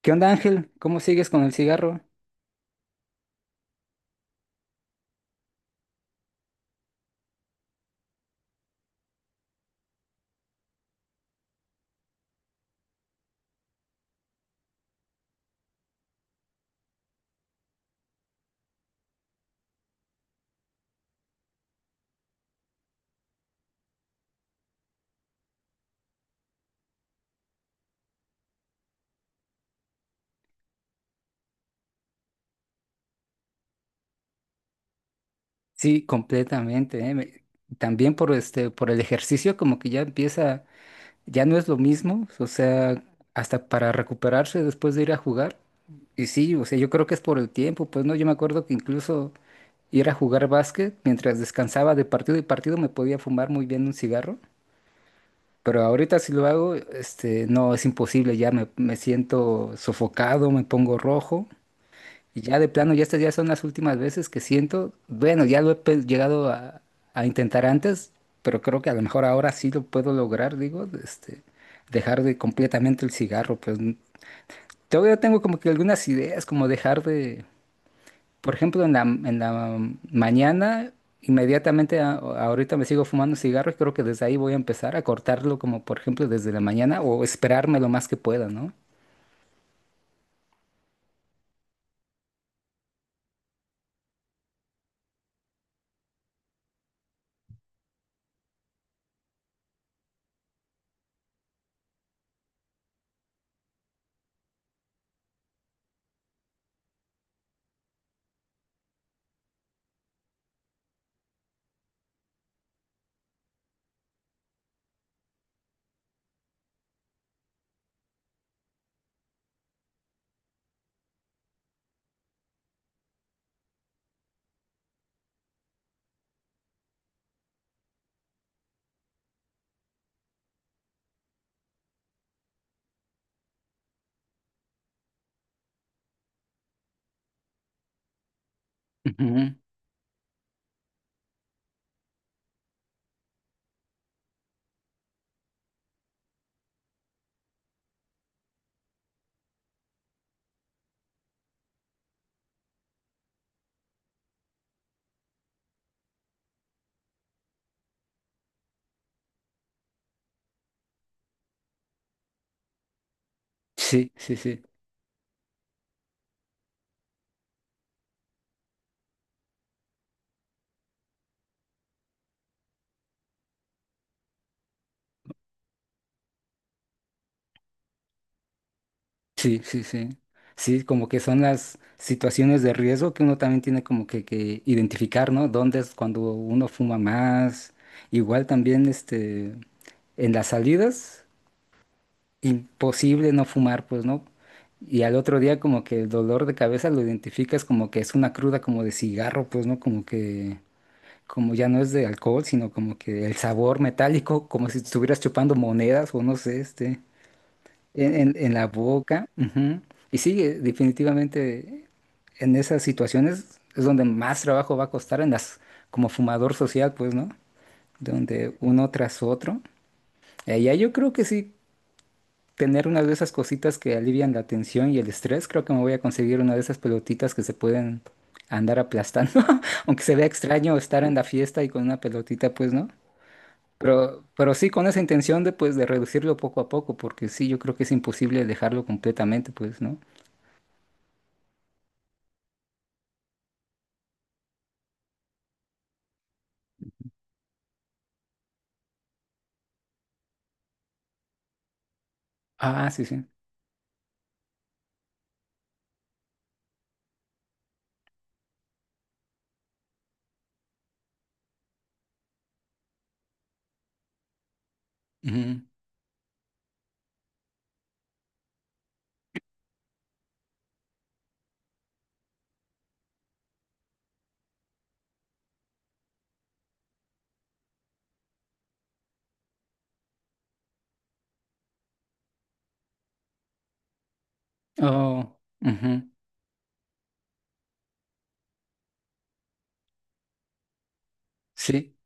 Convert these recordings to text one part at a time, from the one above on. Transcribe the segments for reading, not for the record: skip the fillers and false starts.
¿Qué onda, Ángel? ¿Cómo sigues con el cigarro? Sí, completamente, ¿eh? También por por el ejercicio, como que ya empieza, ya no es lo mismo, o sea, hasta para recuperarse después de ir a jugar. Y sí, o sea, yo creo que es por el tiempo, pues no, yo me acuerdo que incluso ir a jugar básquet, mientras descansaba de partido y partido, me podía fumar muy bien un cigarro. Pero ahorita si lo hago, no, es imposible, me siento sofocado, me pongo rojo. Y ya de plano, ya estas ya son las últimas veces que siento. Bueno, ya lo he llegado a intentar antes, pero creo que a lo mejor ahora sí lo puedo lograr, digo, dejar de completamente el cigarro. Todavía tengo como que algunas ideas, como dejar de, por ejemplo, en la mañana, inmediatamente ahorita me sigo fumando cigarro y creo que desde ahí voy a empezar a cortarlo, como por ejemplo desde la mañana o esperarme lo más que pueda, ¿no? Ujú. Sí, sí, sí. Sí, sí, sí. Sí, como que son las situaciones de riesgo que uno también tiene como que identificar, ¿no? ¿Dónde es cuando uno fuma más? Igual también, en las salidas, imposible no fumar, pues, ¿no? Y al otro día como que el dolor de cabeza lo identificas como que es una cruda como de cigarro, pues, ¿no? Como ya no es de alcohol, sino como que el sabor metálico, como si estuvieras chupando monedas o no sé, este. En, en la boca. Ujú. Y sí, definitivamente en esas situaciones es donde más trabajo va a costar en las, como fumador social, pues, ¿no? Donde uno tras otro. Ya yo creo que sí, tener una de esas cositas que alivian la tensión y el estrés, creo que me voy a conseguir una de esas pelotitas que se pueden andar aplastando, aunque se vea extraño estar en la fiesta y con una pelotita, pues, ¿no? Pero sí con esa intención de, pues, de reducirlo poco a poco, porque sí, yo creo que es imposible dejarlo completamente, pues, ¿no? Ah, sí, sí. Ujú. Oh, ujú. Sí.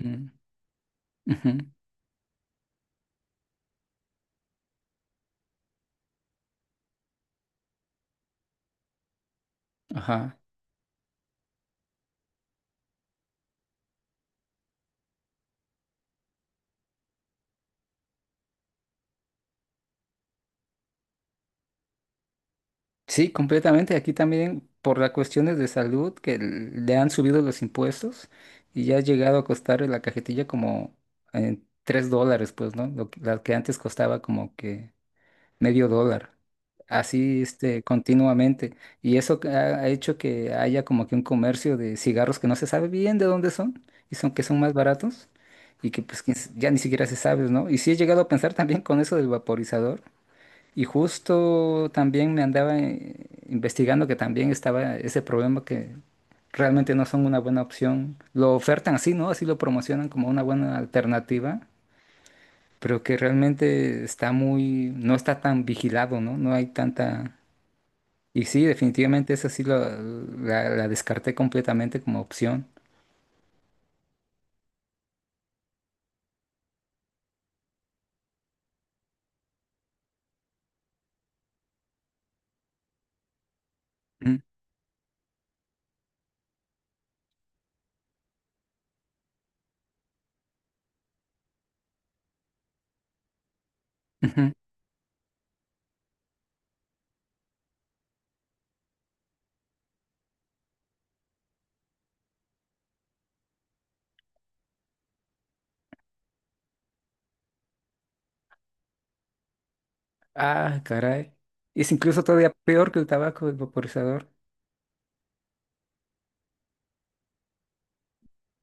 Mm, ujú. Ajá. Sí, completamente. Aquí también por las cuestiones de salud que le han subido los impuestos y ya ha llegado a costar la cajetilla como $3, pues, ¿no? Lo, la que antes costaba como que medio dólar, así este, continuamente. Y eso que ha hecho que haya como que un comercio de cigarros que no se sabe bien de dónde son y son más baratos y que pues ya ni siquiera se sabe, ¿no? Y sí he llegado a pensar también con eso del vaporizador. Y justo también me andaba investigando que también estaba ese problema que realmente no son una buena opción. Lo ofertan así, ¿no? Así lo promocionan como una buena alternativa, pero que realmente está muy, no está tan vigilado, ¿no? No hay tanta... Y sí, definitivamente esa sí la descarté completamente como opción. Mm, ujú. Ah, caray. Es incluso todavía peor que el tabaco del vaporizador.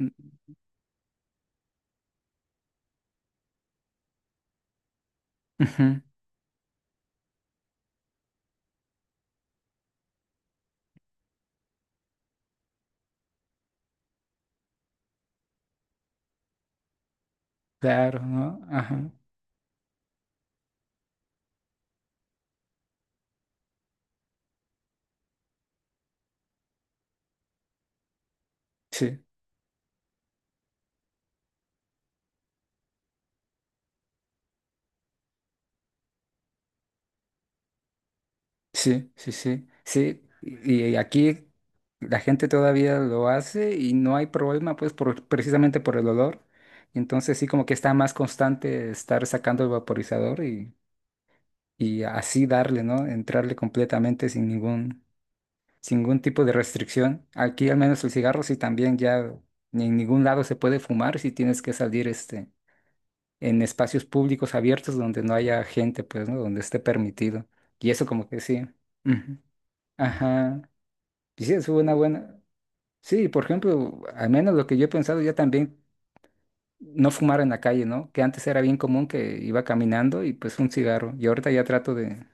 Mm, ujú. Claro, ¿no? Ajá. Sí. Sí, sí, sí, sí. Y aquí la gente todavía lo hace y no hay problema, pues, por, precisamente por el olor. Entonces sí, como que está más constante estar sacando el vaporizador y así darle, ¿no? Entrarle completamente sin ningún, sin ningún tipo de restricción. Aquí al menos el cigarro sí también ya ni en ningún lado se puede fumar si tienes que salir en espacios públicos abiertos donde no haya gente, pues, ¿no? Donde esté permitido. Y eso como que sí. Ujú. Ajá. Y sí, es una buena. Sí, por ejemplo, al menos lo que yo he pensado, ya también no fumar en la calle, ¿no? Que antes era bien común que iba caminando y pues un cigarro. Y ahorita ya trato de.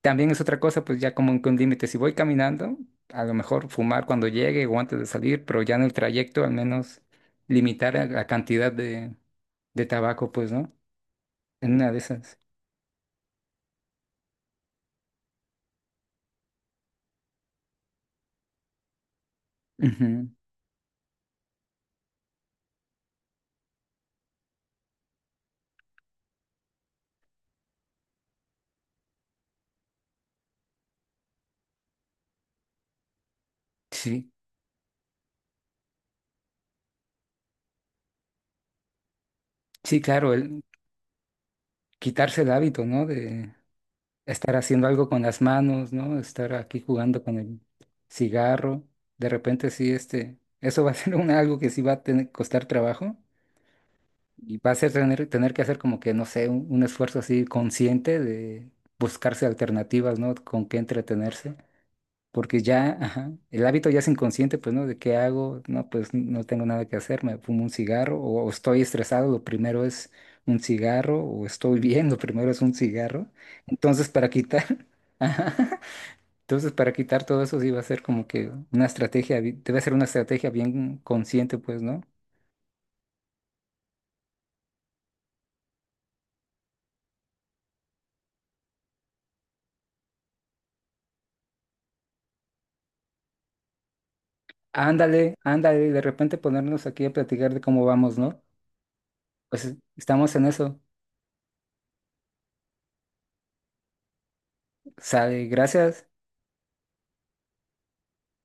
También es otra cosa, pues ya como que un límite. Si voy caminando, a lo mejor fumar cuando llegue o antes de salir, pero ya en el trayecto al menos limitar la cantidad de tabaco, pues, ¿no? En una de esas. Ujú. Sí, sí, claro, el quitarse el hábito, ¿no? Estar haciendo algo con las manos, ¿no? Estar aquí jugando con el cigarro. De repente sí, eso va a ser algo que sí va a tener, costar trabajo y va a ser tener, tener que hacer como que, no sé, un esfuerzo así consciente de buscarse alternativas, ¿no? Con qué entretenerse. Porque ya, ajá, el hábito ya es inconsciente, pues, ¿no? ¿De qué hago? No, pues no tengo nada que hacer, me fumo un cigarro o estoy estresado, lo primero es un cigarro o estoy bien, lo primero es un cigarro. Entonces, para quitar, ajá, entonces para quitar todo eso sí va a ser como que una estrategia, debe ser una estrategia bien consciente, pues, ¿no? Ándale, ándale, y de repente ponernos aquí a platicar de cómo vamos, ¿no? Pues estamos en eso. Sale, gracias.